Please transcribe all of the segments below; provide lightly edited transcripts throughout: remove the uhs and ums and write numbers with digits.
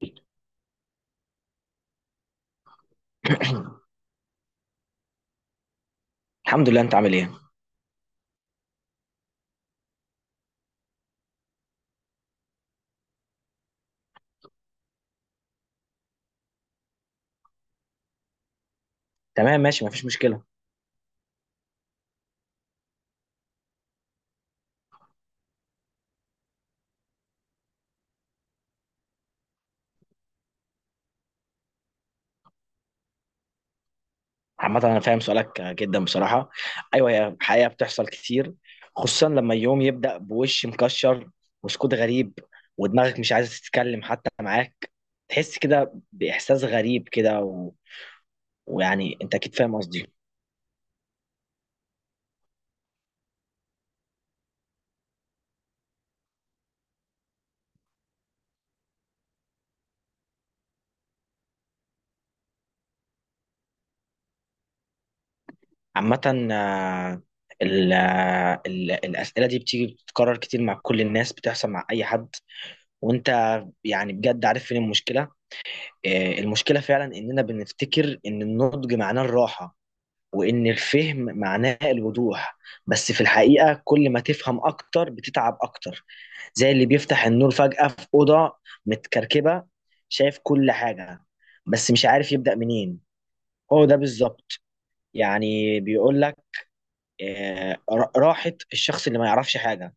الحمد لله، انت عامل ايه؟ تمام ماشي، مفيش مشكله. عامه انا فاهم سؤالك جدا بصراحه. ايوه، هي الحقيقه بتحصل كتير، خصوصا لما يوم يبدا بوش مكشر وسكوت غريب ودماغك مش عايزه تتكلم حتى معاك، تحس كده باحساس غريب كده ويعني انت اكيد فاهم قصدي. عامه آه، الاسئله دي بتيجي بتتكرر كتير مع كل الناس، بتحصل مع اي حد. وانت يعني بجد عارف فين المشكله. المشكلة فعلا إننا بنفتكر إن النضج معناه الراحة، وإن الفهم معناه الوضوح. بس في الحقيقة كل ما تفهم أكتر بتتعب أكتر، زي اللي بيفتح النور فجأة في أوضة متكركبة، شايف كل حاجة بس مش عارف يبدأ منين. هو ده بالظبط. يعني بيقول لك راحة الشخص اللي ما يعرفش حاجة.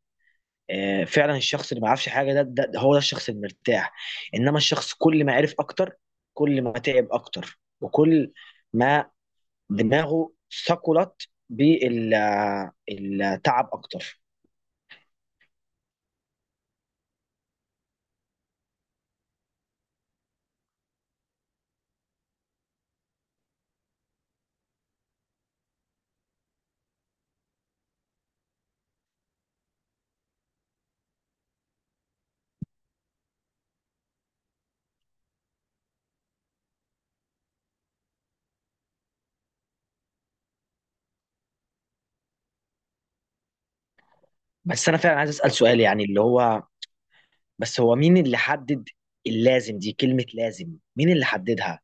فعلا الشخص اللي ما عرفش حاجه ده هو ده الشخص المرتاح. انما الشخص كل ما عرف اكتر، كل ما تعب اكتر، وكل ما دماغه ثقلت بالتعب اكتر. بس انا فعلا عايز اسال سؤال، يعني اللي هو بس هو مين اللي حدد؟ اللازم دي كلمه لازم، مين اللي حددها؟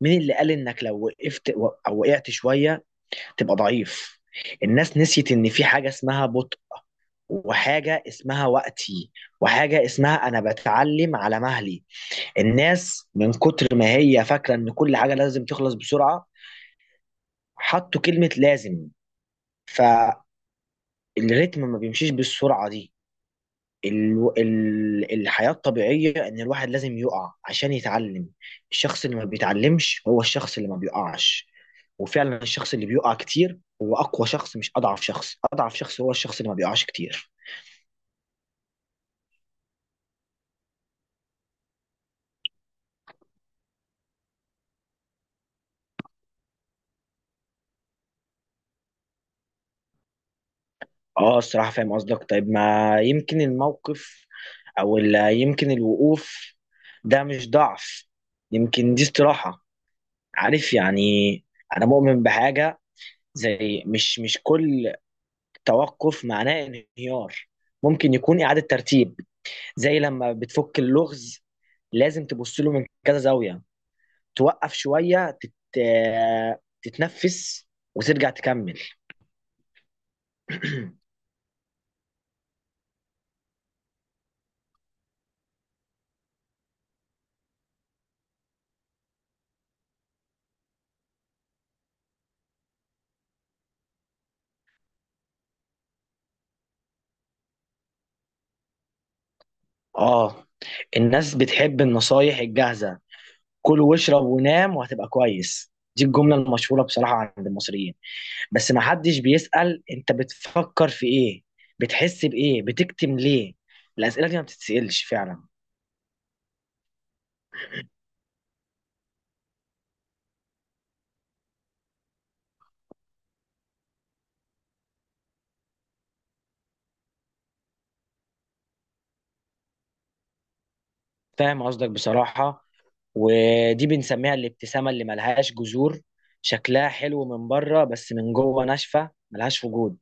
مين اللي قال انك لو وقفت او وقعت شويه تبقى ضعيف؟ الناس نسيت ان في حاجه اسمها بطء، وحاجه اسمها وقتي، وحاجه اسمها انا بتعلم على مهلي. الناس من كتر ما هي فاكره ان كل حاجه لازم تخلص بسرعه، حطوا كلمه لازم، فالريتم ما بيمشيش بالسرعه دي. الحياة الطبيعية إن الواحد لازم يقع عشان يتعلم. الشخص اللي ما بيتعلمش هو الشخص اللي ما بيقعش. وفعلا الشخص اللي بيقع كتير هو أقوى شخص، مش أضعف شخص. أضعف شخص هو الشخص اللي ما بيقعش كتير. اه الصراحة فاهم قصدك. طيب ما يمكن الموقف يمكن الوقوف ده مش ضعف، يمكن دي استراحة. عارف يعني، أنا مؤمن بحاجة زي مش كل توقف معناه انهيار، ممكن يكون إعادة ترتيب. زي لما بتفك اللغز لازم تبص له من كذا زاوية، توقف شوية تتنفس وترجع تكمل. آه، الناس بتحب النصايح الجاهزة: كل واشرب ونام وهتبقى كويس. دي الجملة المشهورة بصراحة عند المصريين. بس ما حدش بيسأل انت بتفكر في ايه، بتحس بايه، بتكتم ليه؟ الأسئلة دي ما بتتسألش فعلا. فاهم قصدك بصراحة. ودي بنسميها الابتسامة اللي ملهاش جذور، شكلها حلو من بره بس من جوه ناشفة ملهاش وجود.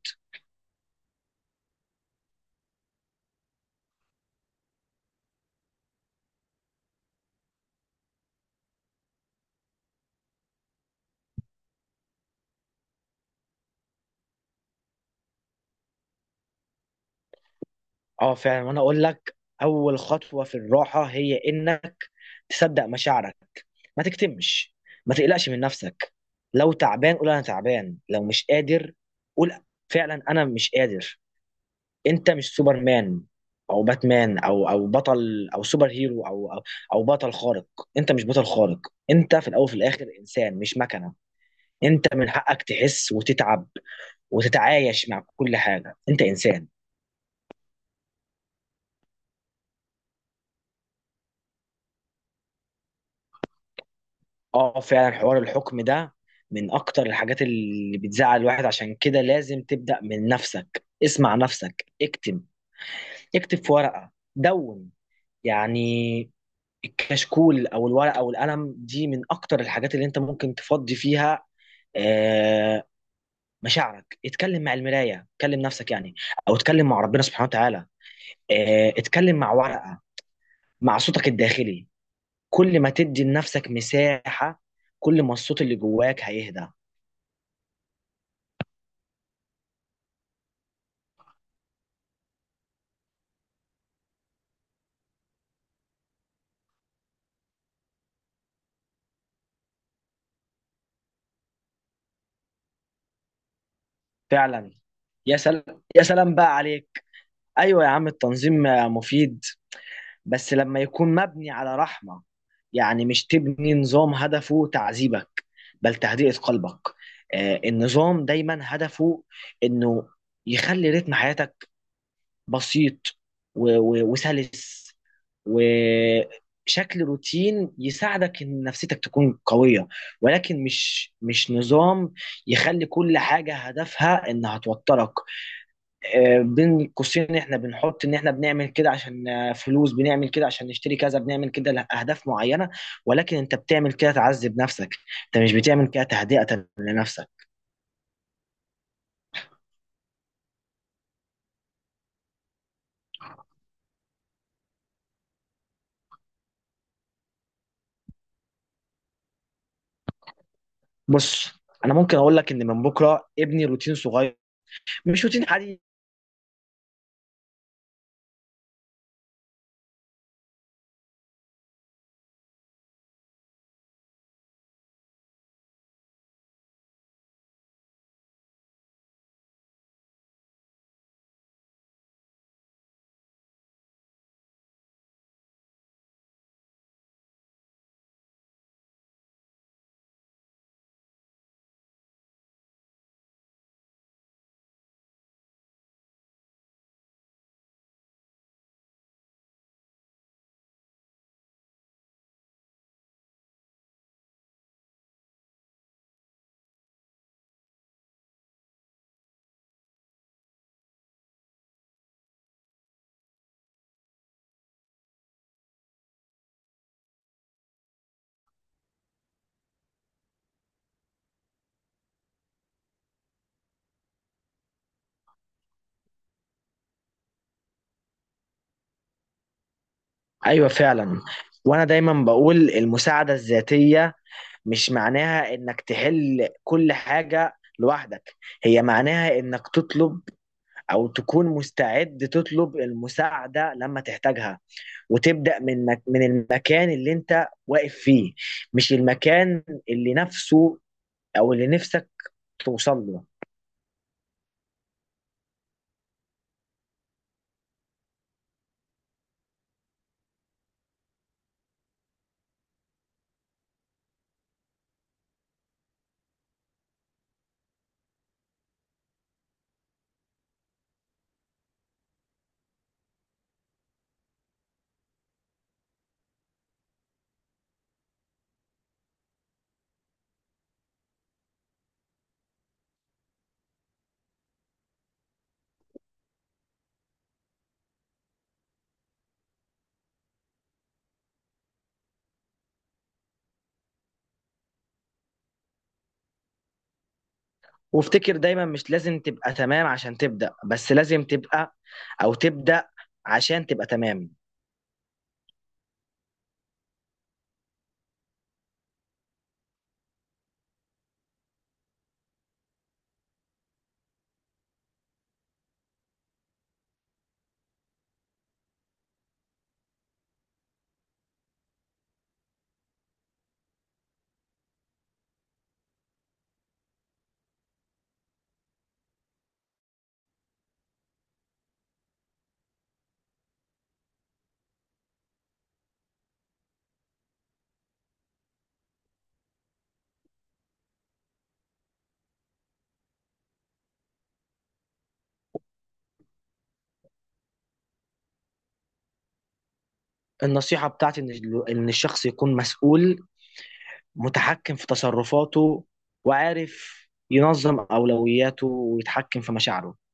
اه فعلا، وانا اقول لك اول خطوة في الراحة هي انك تصدق مشاعرك، ما تكتمش، ما تقلقش من نفسك. لو تعبان قول انا تعبان، لو مش قادر قول فعلا انا مش قادر. انت مش سوبرمان او باتمان او بطل او سوبر هيرو أو بطل خارق. انت مش بطل خارق، انت في الاول وفي الاخر انسان مش مكنة. انت من حقك تحس وتتعب وتتعايش مع كل حاجه، انت انسان. اه فعلا، حوار الحكم ده من اكتر الحاجات اللي بتزعل الواحد، عشان كده لازم تبدا من نفسك. اسمع نفسك، اكتب، اكتب في ورقه دون يعني. الكشكول او الورقه او القلم دي من اكتر الحاجات اللي انت ممكن تفضي فيها آه، مشاعرك. اتكلم مع المرايه، اتكلم نفسك يعني، او اتكلم مع ربنا سبحانه وتعالى، اتكلم مع ورقه، مع صوتك الداخلي. كل ما تدي لنفسك مساحة، كل ما الصوت اللي جواك هيهدى. فعلا. يا سلام يا سلام بقى عليك. ايوه يا عم التنظيم مفيد، بس لما يكون مبني على رحمة. يعني مش تبني نظام هدفه تعذيبك، بل تهدئة قلبك. النظام دايما هدفه انه يخلي رتم حياتك بسيط و- و- وسلس، وشكل روتين يساعدك ان نفسيتك تكون قوية. ولكن مش نظام يخلي كل حاجة هدفها انها توترك. بين قوسين احنا بنحط ان احنا بنعمل كده عشان فلوس، بنعمل كده عشان نشتري كذا، بنعمل كده لأهداف معينة. ولكن انت بتعمل كده تعذب نفسك، انت مش بتعمل كده تهدئة لنفسك. بص، انا ممكن اقول لك ان من بكره ابني روتين صغير، مش روتين حديث. ايوه فعلا، وانا دايما بقول المساعده الذاتيه مش معناها انك تحل كل حاجه لوحدك، هي معناها انك تطلب او تكون مستعد تطلب المساعده لما تحتاجها، وتبدا من من المكان اللي انت واقف فيه، مش المكان اللي نفسه او اللي نفسك توصل له. وافتكر دايما مش لازم تبقى تمام عشان تبدا، بس لازم تبقى او تبدا عشان تبقى تمام. النصيحة بتاعتي إن إن الشخص يكون مسؤول، متحكم في تصرفاته، وعارف ينظم أولوياته ويتحكم في مشاعره.